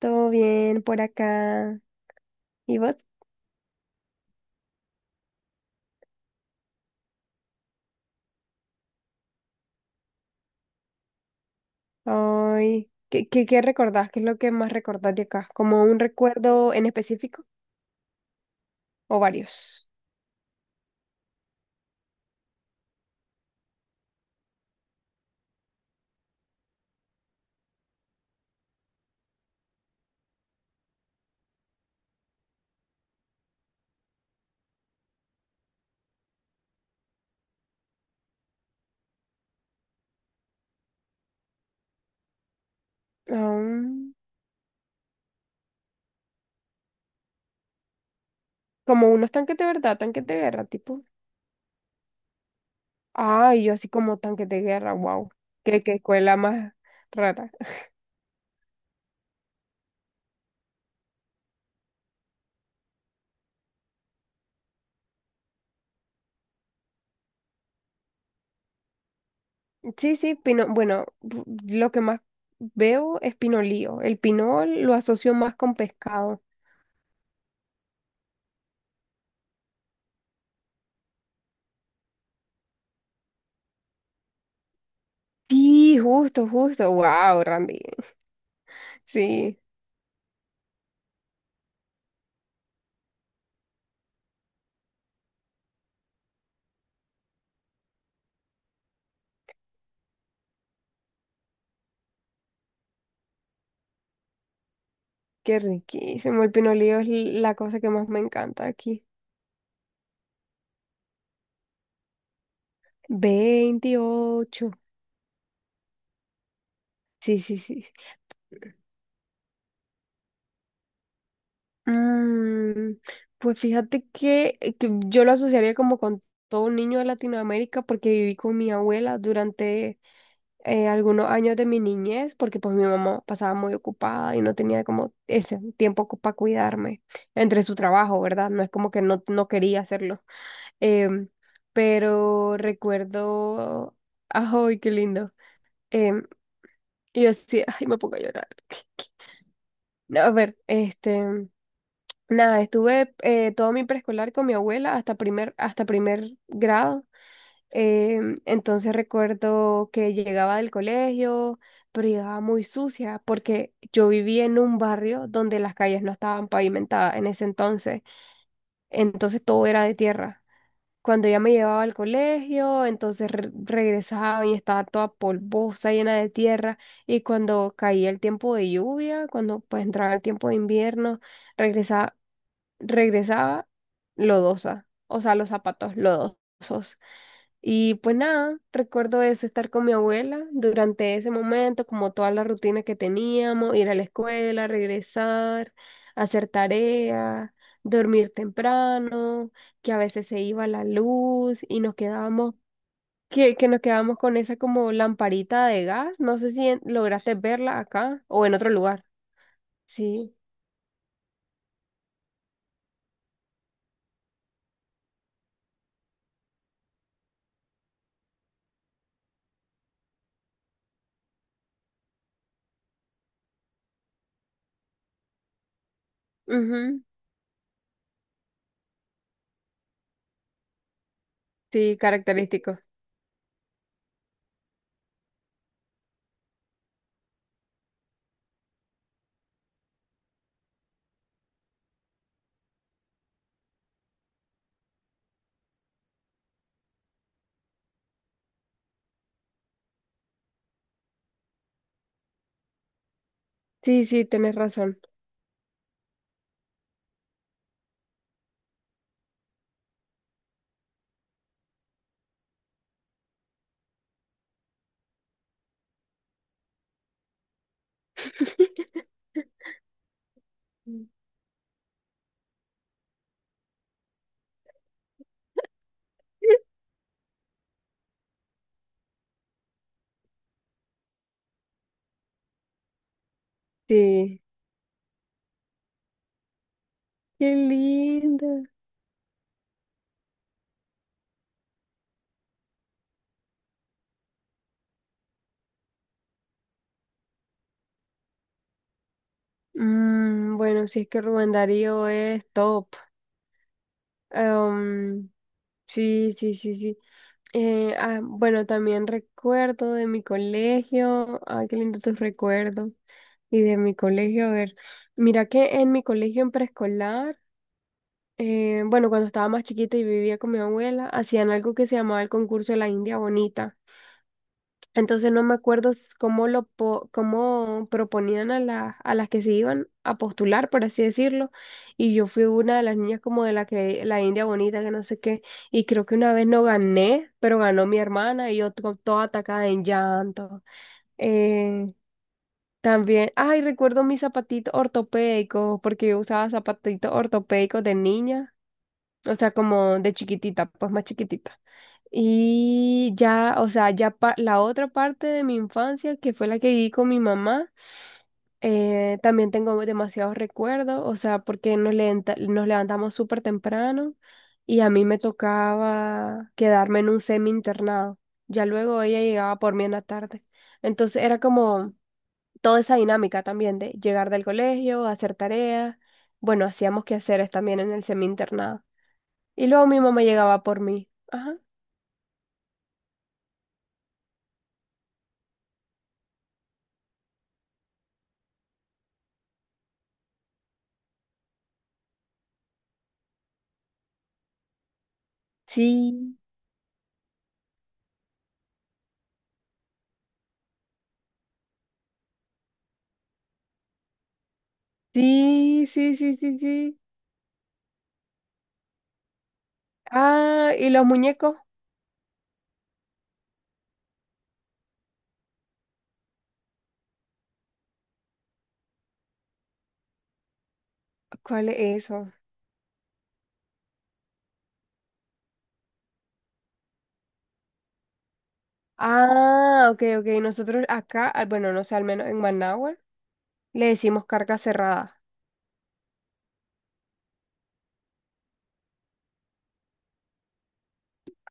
Todo bien por acá. ¿Y vos? Ay, qué recordás? ¿Qué es lo que más recordás de acá? ¿Como un recuerdo en específico o varios? Ah, como unos tanques de verdad, tanques de guerra, tipo. Ay, yo así como tanques de guerra, wow. Qué escuela más rara. Sí, sí, pino, bueno, lo que más veo es pinolío. El pinol lo asocio más con pescado. Sí, justo, justo. Wow, Randy. Sí. Qué riquísimo. El pinolillo es la cosa que más me encanta aquí. 28. Sí, sí, sí. Mm, pues fíjate que yo lo asociaría como con todo un niño de Latinoamérica porque viví con mi abuela durante algunos años de mi niñez, porque pues mi mamá pasaba muy ocupada y no tenía como ese tiempo para cuidarme entre su trabajo, ¿verdad? No es como que no, no quería hacerlo. Em, pero recuerdo, ¡ay, qué lindo! Em, y yo así, ¡ay, me pongo a llorar! No, a ver, este, nada, estuve todo mi preescolar con mi abuela hasta primer grado. Entonces recuerdo que llegaba del colegio, pero llegaba muy sucia porque yo vivía en un barrio donde las calles no estaban pavimentadas en ese entonces, entonces todo era de tierra. Cuando ella me llevaba al colegio, entonces regresaba y estaba toda polvosa, llena de tierra, y cuando caía el tiempo de lluvia, cuando pues entraba el tiempo de invierno, regresaba, regresaba lodosa, o sea, los zapatos lodosos. Y pues nada, recuerdo eso, estar con mi abuela durante ese momento, como toda la rutina que teníamos, ir a la escuela, regresar, hacer tareas, dormir temprano, que a veces se iba la luz y nos quedábamos, que nos quedábamos con esa como lamparita de gas. No sé si lograste verla acá o en otro lugar. Sí, ujú. Sí, característico. Sí, sí, tenés razón. Sí, qué lindo. Mm, bueno, sí es que Rubén Darío es top. Em, sí, sí, sí, sí. Bueno, también recuerdo de mi colegio. Ay, qué lindo tus recuerdos. Y de mi colegio, a ver. Mira que en mi colegio en preescolar, bueno, cuando estaba más chiquita y vivía con mi abuela, hacían algo que se llamaba el concurso de la India Bonita. Entonces no me acuerdo cómo proponían a la a las que se iban a postular, por así decirlo, y yo fui una de las niñas como de la que la India bonita que no sé qué, y creo que una vez no gané, pero ganó mi hermana y yo toda atacada en llanto. Eh, también, ay, recuerdo mis zapatitos ortopédicos porque yo usaba zapatitos ortopédicos de niña. O sea, como de chiquitita, pues más chiquitita. Y ya, o sea, la otra parte de mi infancia, que fue la que viví con mi mamá, también tengo demasiados recuerdos, o sea, porque nos levantamos súper temprano y a mí me tocaba quedarme en un semi internado. Ya luego ella llegaba por mí en la tarde. Entonces era como toda esa dinámica también de llegar del colegio, hacer tareas. Bueno, hacíamos quehaceres también en el semi internado. Y luego mi mamá llegaba por mí. Ajá. Sí, sí, sí, sí, sí, sí. Ah, ¿y los muñecos? ¿Cuál es eso? Ah, ok, ok. Nosotros acá, ah, bueno, no sé, al menos en Managua, le decimos carga cerrada.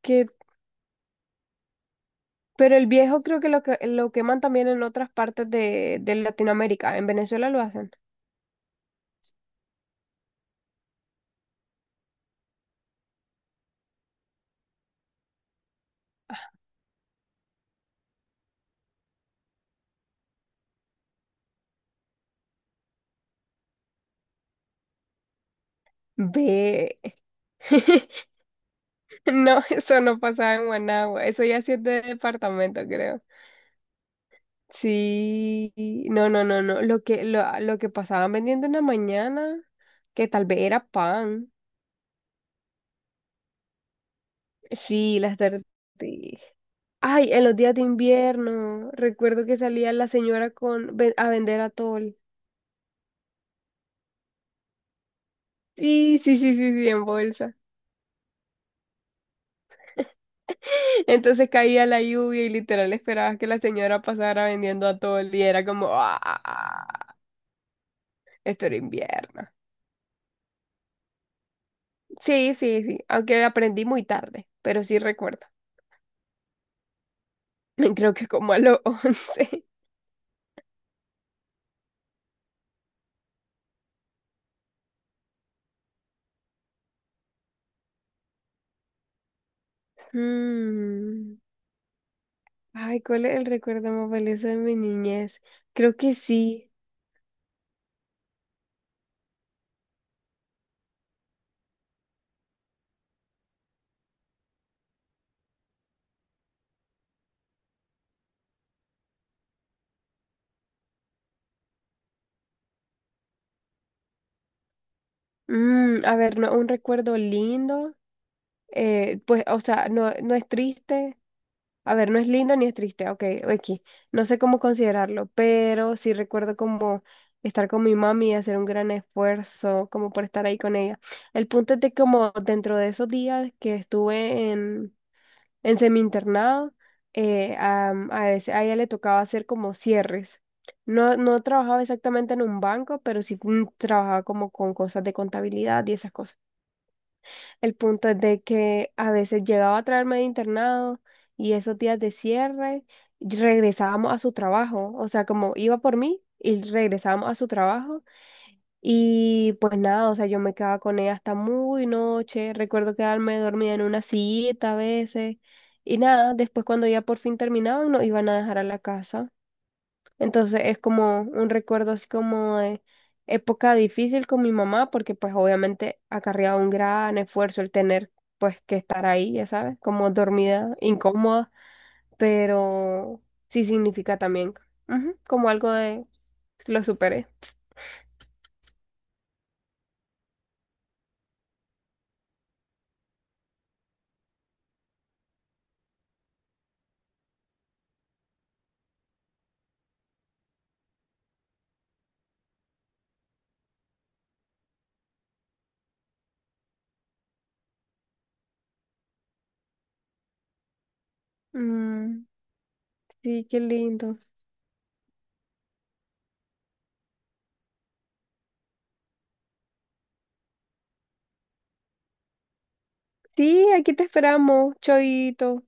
Que, pero el viejo creo que lo queman también en otras partes de Latinoamérica. En Venezuela lo hacen. Ve. No, eso no pasaba en Managua. Eso ya sí es de departamento, creo. Sí, no, no, no, no. Lo que pasaban vendiendo en la mañana, que tal vez era pan. Sí, las tortillas. Ay, en los días de invierno, recuerdo que salía la señora con, a vender atol. Sí, sí, sí, sí, sí, en bolsa. Entonces caía la lluvia y literal esperabas que la señora pasara vendiendo atol y era como, ah, esto era invierno. Sí, sí, sí, aunque aprendí muy tarde, pero sí recuerdo. Creo que como a los 11. Mm. Ay, ¿cuál es el recuerdo más valioso de mi niñez? Creo que sí. Mm, a ver, no, un recuerdo lindo. Pues, o sea, no, no es triste. A ver, no es lindo ni es triste. Ok, aquí. No sé cómo considerarlo, pero sí recuerdo como estar con mi mami y hacer un gran esfuerzo como por estar ahí con ella. El punto es de como dentro de esos días que estuve en semi-internado, a ella le tocaba hacer como cierres. No, no trabajaba exactamente en un banco, pero sí trabajaba como con cosas de contabilidad y esas cosas. El punto es de que a veces llegaba a traerme de internado y esos días de cierre regresábamos a su trabajo. O sea, como iba por mí y regresábamos a su trabajo, y pues nada, o sea, yo me quedaba con ella hasta muy noche. Recuerdo quedarme dormida en una sillita a veces. Y nada, después cuando ya por fin terminaban, nos iban a dejar a la casa. Entonces es como un recuerdo así como de época difícil con mi mamá, porque pues obviamente acarreaba un gran esfuerzo el tener pues que estar ahí, ya sabes, como dormida, incómoda, pero sí significa también ujú, como algo de lo superé. Mm, sí, qué lindo. Sí, aquí te esperamos, Choito.